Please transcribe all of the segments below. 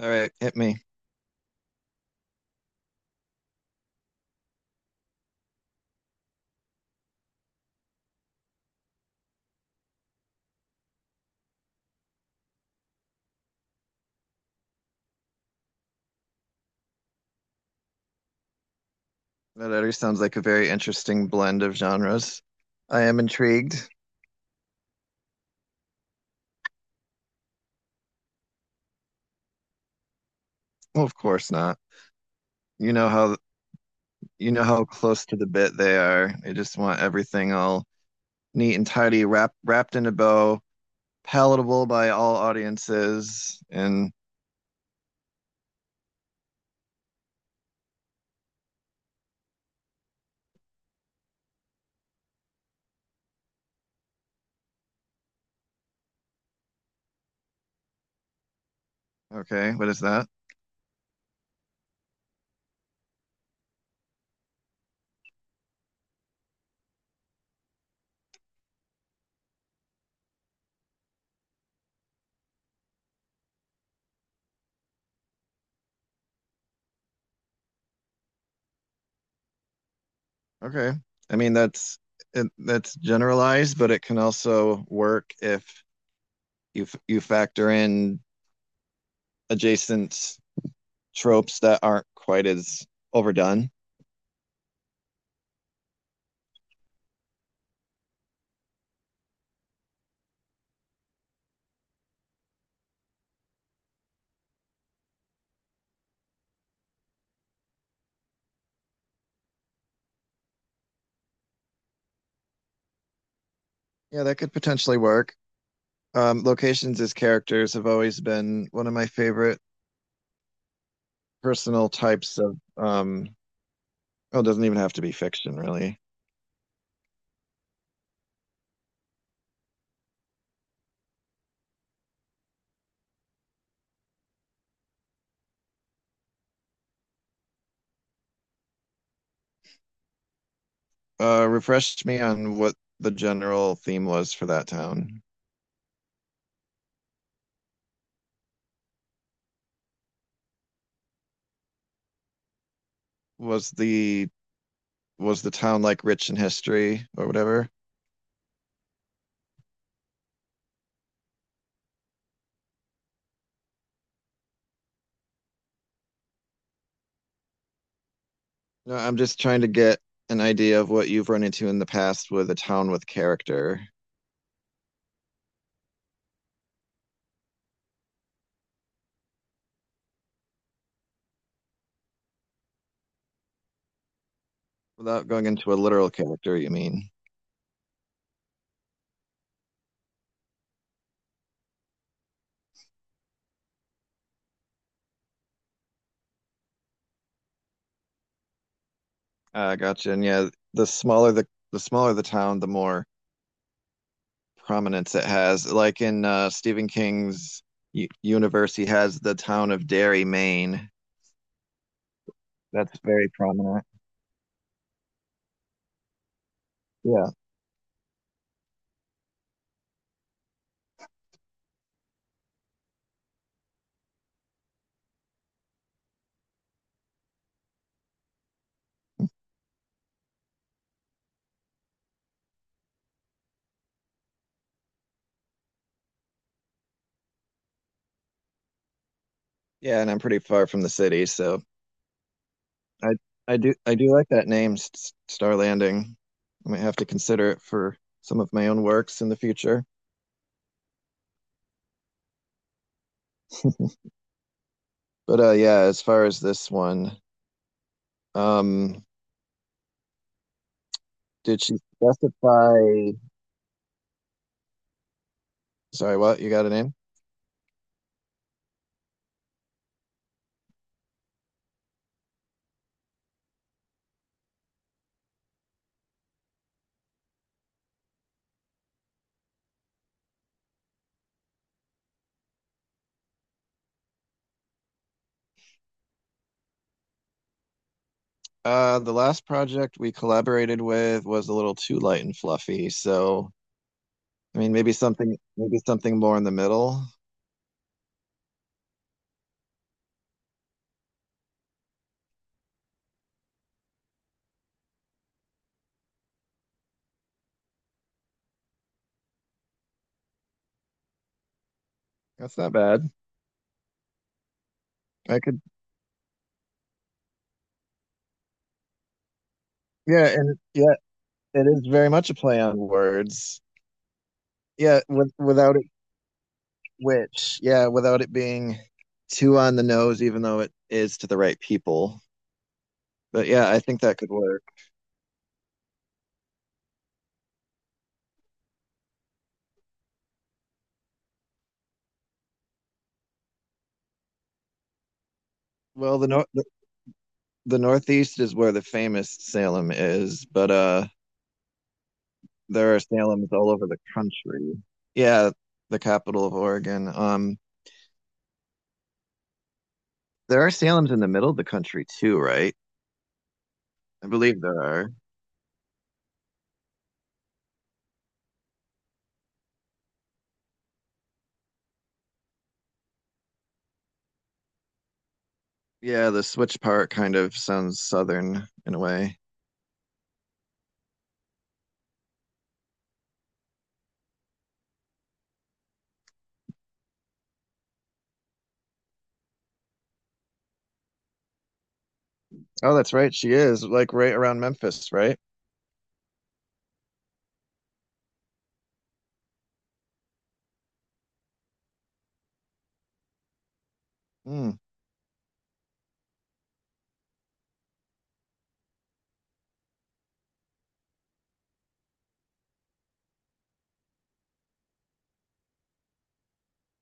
All right, hit me. That already sounds like a very interesting blend of genres. I am intrigued. Well, of course not. You know how you know how close to the bit they are. They just want everything all neat and tidy, wrapped in a bow, palatable by all audiences. And okay, what is that? Okay. I mean that's it, that's generalized, but it can also work if you factor in adjacent tropes that aren't quite as overdone. Yeah, that could potentially work. Locations as characters have always been one of my favorite personal types of. Well, it doesn't even have to be fiction, really. Refresh me on what the general theme was for that town. Was the town like rich in history or whatever? No, I'm just trying to get an idea of what you've run into in the past with a town with character. Without going into a literal character, you mean? Gotcha. And yeah, the smaller the town, the more prominence it has. Like in Stephen King's universe, he has the town of Derry, Maine. That's very prominent. Yeah, yeah. And I'm pretty far from the city, so I I do like that name, Star Landing. I might have to consider it for some of my own works in the future. But yeah, as far as this one, um, did she specify? Sorry, what? You got a name? The last project we collaborated with was a little too light and fluffy, so I mean maybe something more in the middle. That's not bad. I could yeah, and yeah, it is very much a play on words. Yeah, without it, which, yeah, without it being too on the nose, even though it is to the right people. But yeah, I think that could work. Well, the Northeast is where the famous Salem is, but uh, there are Salems all over the country. Yeah, the capital of Oregon. There are Salems in the middle of the country too, right? I believe there are. Yeah, the switch part kind of sounds southern in a way. Oh, that's right. She is like right around Memphis, right? Hmm.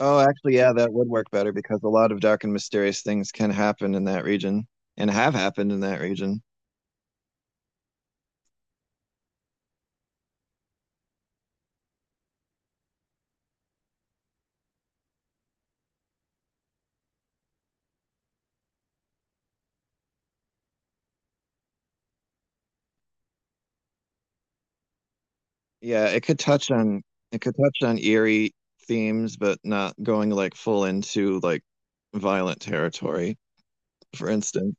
Oh, actually, yeah, that would work better because a lot of dark and mysterious things can happen in that region and have happened in that region. Yeah, it could touch on eerie themes, but not going like full into like violent territory, for instance.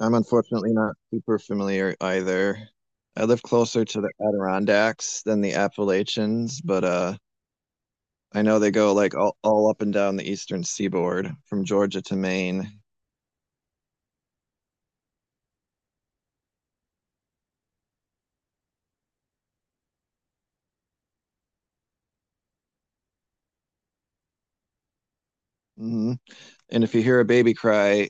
I'm unfortunately not super familiar either. I live closer to the Adirondacks than the Appalachians, but uh, I know they go like all up and down the eastern seaboard from Georgia to Maine. Hmm. And if you hear a baby cry,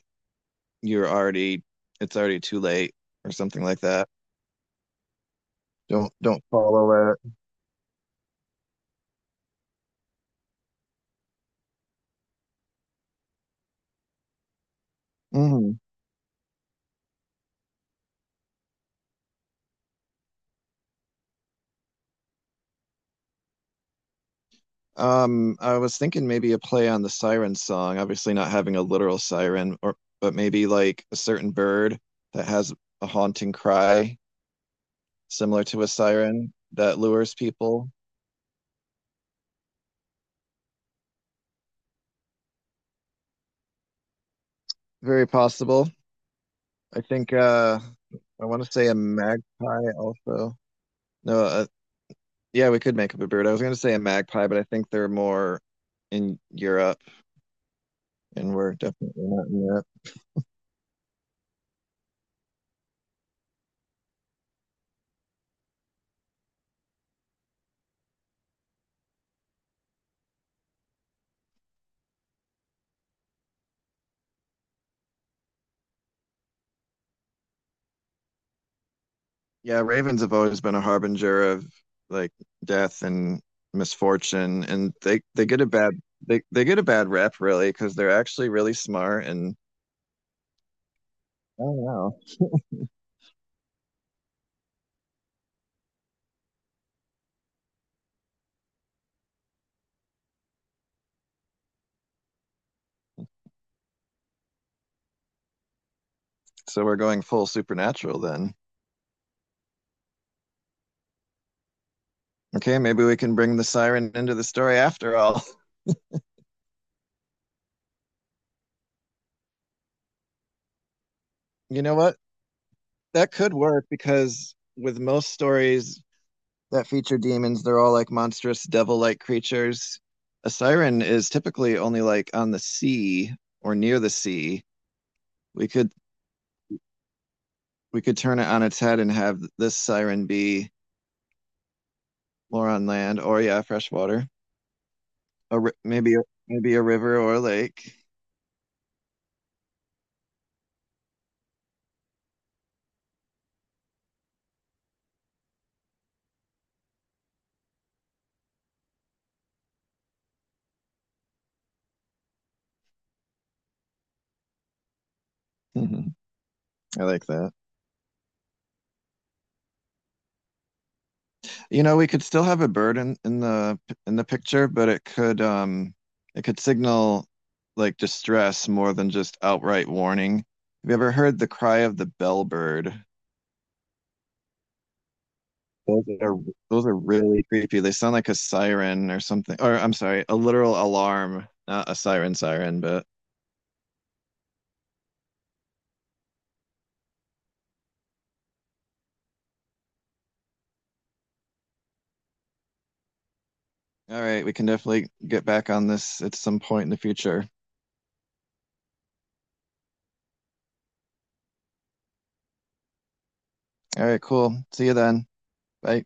you're already, it's already too late or something like that. Don't follow it. Hmm. I was thinking maybe a play on the siren song, obviously not having a literal siren, or but maybe like a certain bird that has a haunting cry similar to a siren that lures people. Very possible. I think I want to say a magpie also. No, yeah, we could make up a bird. I was going to say a magpie, but I think they're more in Europe, and we're definitely not in Europe. Yeah, ravens have always been a harbinger of like death and misfortune, and they get a bad they get a bad rep really because they're actually really smart, and I don't know. So we're going full supernatural then. Okay, maybe we can bring the siren into the story after all. You know what? That could work because with most stories that feature demons, they're all like monstrous devil-like creatures. A siren is typically only like on the sea or near the sea. We could we could turn it on its head and have this siren be more on land, or yeah, freshwater. Or maybe a river or a lake. Mm-hmm. I like that. You know, we could still have a bird in the picture, but it could signal like distress more than just outright warning. Have you ever heard the cry of the bellbird? Those are those are really creepy. They sound like a siren or something. Or I'm sorry, a literal alarm, not a siren, but all right, we can definitely get back on this at some point in the future. All right, cool. See you then. Bye.